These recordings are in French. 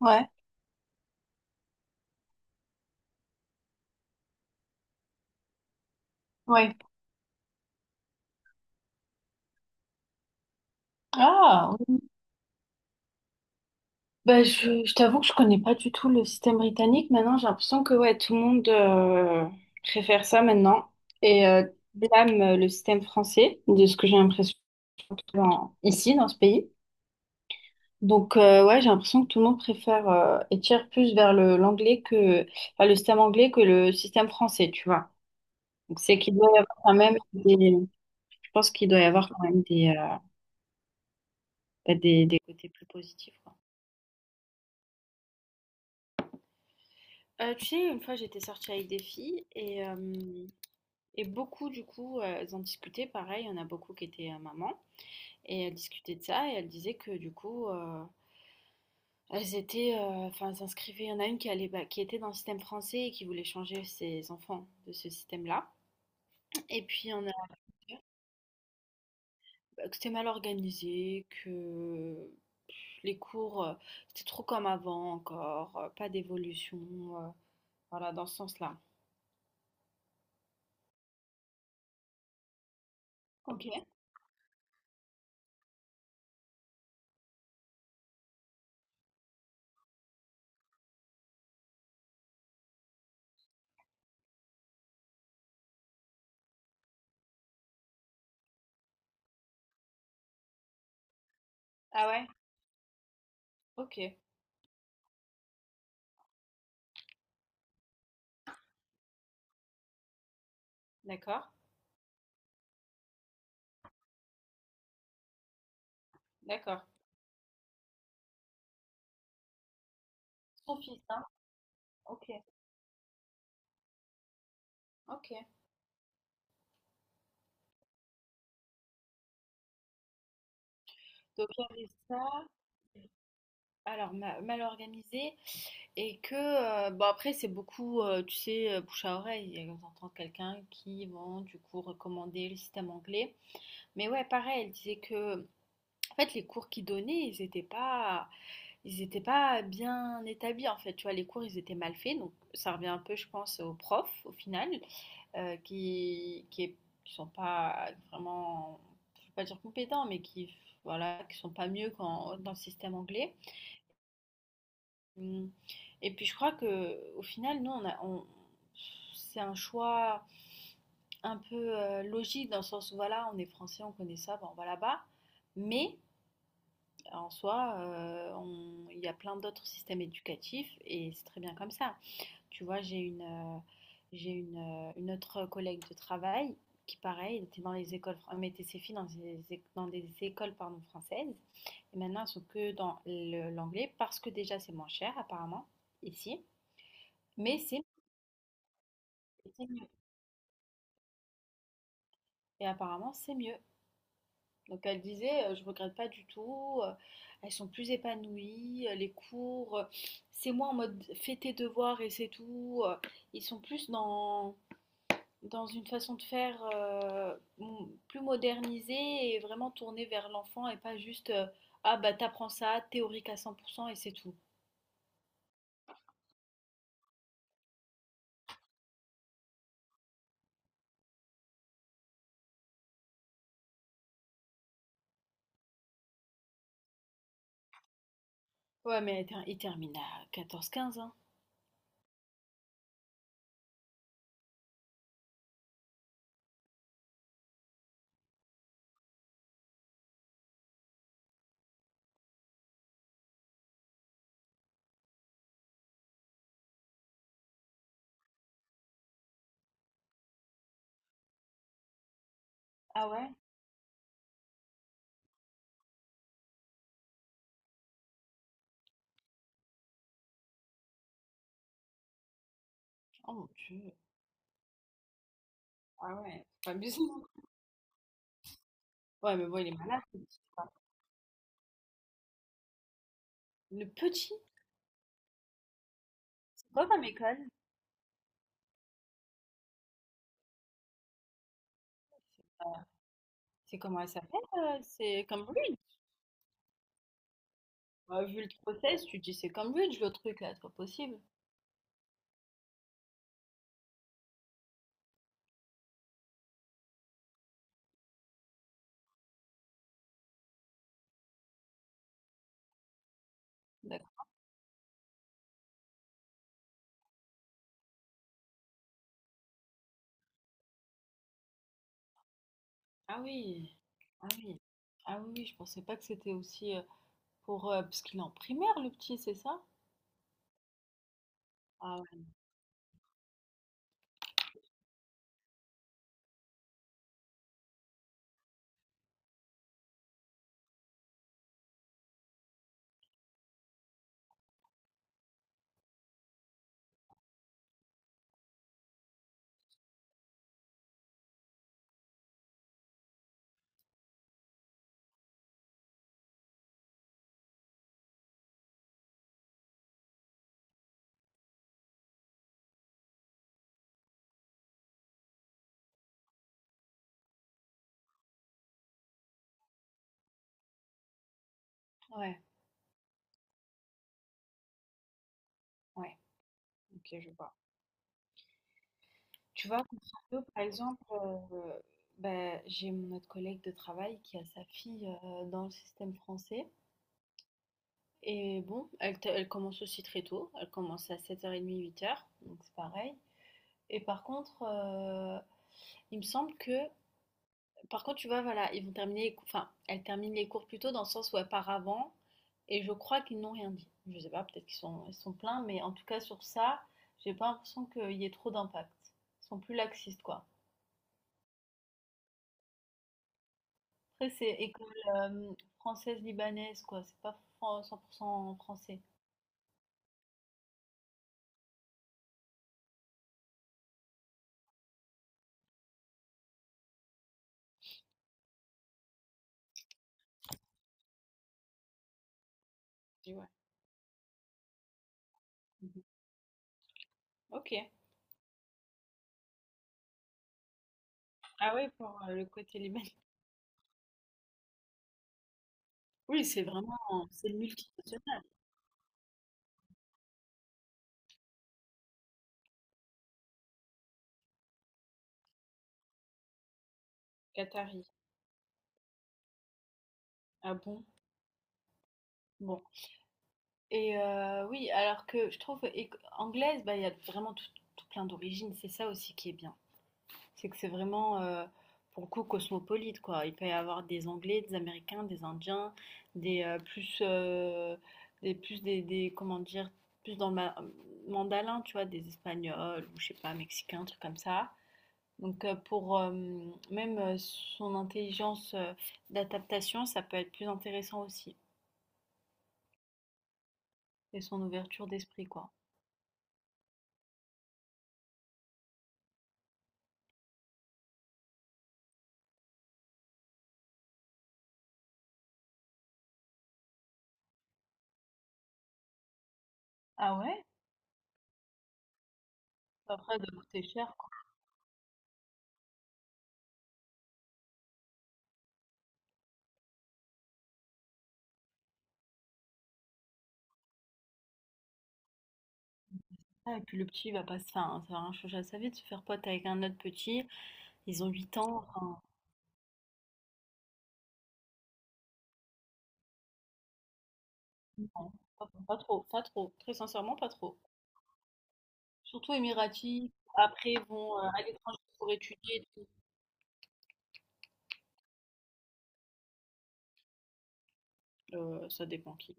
Ouais, ouais. Ah, oui. Je t'avoue que je connais pas du tout le système britannique. Maintenant, j'ai l'impression que ouais, tout le monde préfère ça maintenant et blâme le système français, de ce que j'ai l'impression surtout ici, dans ce pays. Donc, ouais, j'ai l'impression que tout le monde préfère et tire plus vers le l'anglais que enfin, le système anglais que le système français, tu vois. Donc, c'est qu'il doit y avoir quand même des, je pense qu'il doit y avoir quand même des, bah, des côtés plus positifs, quoi. Tu sais, une fois j'étais sortie avec des filles et et beaucoup du coup elles en discutaient, pareil, il y en a beaucoup qui étaient mamans et elles discutaient de ça et elles disaient que du coup elles étaient, euh, enfin elles s'inscrivaient, il y en a une qui allait, bah, qui était dans le système français et qui voulait changer ses enfants de ce système-là, et puis il y en a bah, que c'était mal organisé, que les cours c'était trop comme avant encore, pas d'évolution, euh, voilà dans ce sens-là. Ok. Ah ouais? Ok, d'accord, d'accord. Son fils, hein? OK, OK. Donc il y avait ça, alors mal organisé, et que, bon après c'est beaucoup, tu sais, bouche à oreille, et on entend quelqu'un qui vont du coup recommander le système anglais. Mais ouais, pareil, elle disait que, en fait, les cours qu'ils donnaient, ils étaient pas bien établis, en fait, tu vois, les cours, ils étaient mal faits, donc ça revient un peu, je pense, aux profs, au final. euh, qui, qui, est- qui sont pas vraiment, je vais pas dire compétents, mais qui, voilà, qui sont pas mieux dans le système anglais. Hum, Et puis je crois que au final, nous, c'est un choix un peu logique dans le sens où voilà, on est français, on connaît ça, bon, on va là-bas. Mais en soi, il y a plein d'autres systèmes éducatifs et c'est très bien comme ça. Tu vois, j'ai une autre collègue de travail qui, pareil, était dans les écoles, mettait ses filles dans des, dans des écoles pardon, françaises. Et maintenant, elles sont que dans l'anglais parce que déjà, c'est moins cher, apparemment, ici. Mais c'est mieux. Et apparemment, c'est mieux. Donc, elle disait, je regrette pas du tout. Elles sont plus épanouies. Les cours, c'est moins en mode fais tes devoirs et c'est tout. Ils sont plus dans dans une façon de faire plus modernisée et vraiment tournée vers l'enfant et pas juste ah bah t'apprends ça, théorique à 100% et c'est tout. Ouais, mais il termine à quatorze quinze hein. Ah ouais? Oh mon Dieu. Ah ouais, c'est pas abusé. Ouais, mais bon, il est malade ce petit, quoi. Le petit, c'est quoi comme école? C'est comment elle s'appelle? C'est Cambridge. Ouais, vu le process, tu te dis c'est Cambridge le truc là, c'est pas possible. D'accord. Ah oui. Ah oui, ah oui, oui, je pensais pas que c'était aussi. Pour, parce qu'il est en primaire le petit, c'est ça? Ah ouais, ouais, ouais, OK, je vois. Tu vois, contrario, par exemple, bah, j'ai mon autre collègue de travail qui a sa fille, dans le système français et bon, elle commence aussi très tôt, elle commence à sept heures trente, huit heures donc c'est pareil et par contre, il me semble que par contre, tu vois, voilà, ils vont terminer les cours, enfin, elles terminent les cours plus tôt dans le sens où elles partent avant, et je crois qu'ils n'ont rien dit. Je sais pas, peut-être qu'ils sont, ils sont pleins, mais en tout cas sur ça, j'ai pas l'impression qu'il y ait trop d'impact. Ils sont plus laxistes, quoi. Après, c'est école euh, française-libanaise, quoi. C'est pas 100% français. Et ouais. Mhm. Ok. Ah ouais, pour le côté libanais. Oui, c'est vraiment, c'est le multinational. Qatari. Ah bon? Bon. Et oui, alors que je trouve éc anglaise, bah, il y a vraiment tout tout plein d'origines. C'est ça aussi qui est bien. C'est que c'est vraiment, pour le coup, cosmopolite, quoi. Il peut y avoir des Anglais, des Américains, des Indiens, des, plus, des plus des comment dire? Plus dans le ma mandalin, tu vois? Des Espagnols ou je sais pas, Mexicains, trucs comme ça. Donc pour, même, son intelligence, d'adaptation, ça peut être plus intéressant aussi et son ouverture d'esprit, quoi. Ah ouais? Après, de coûter cher, quoi. Ah, et puis le petit, il va pas se faire, hein, ça va rien changer à sa vie de se faire pote avec un autre petit. Ils ont 8 ans, enfin, non, pas, pas trop, pas trop, très sincèrement, pas trop. Surtout émiratis, après, ils vont à l'étranger pour étudier et tout. Ça dépend qui,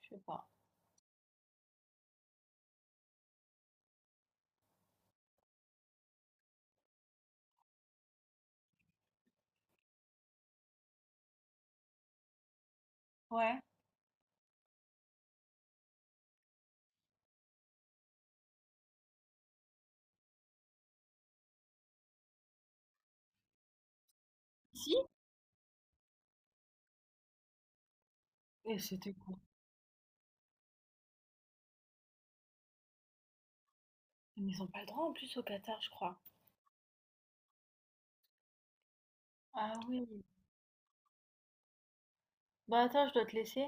je sais pas. Ouais. Si? Et c'était quoi? Mais ils ont pas le droit en plus au Qatar, je crois. Ah oui. Bah attends, je dois te laisser.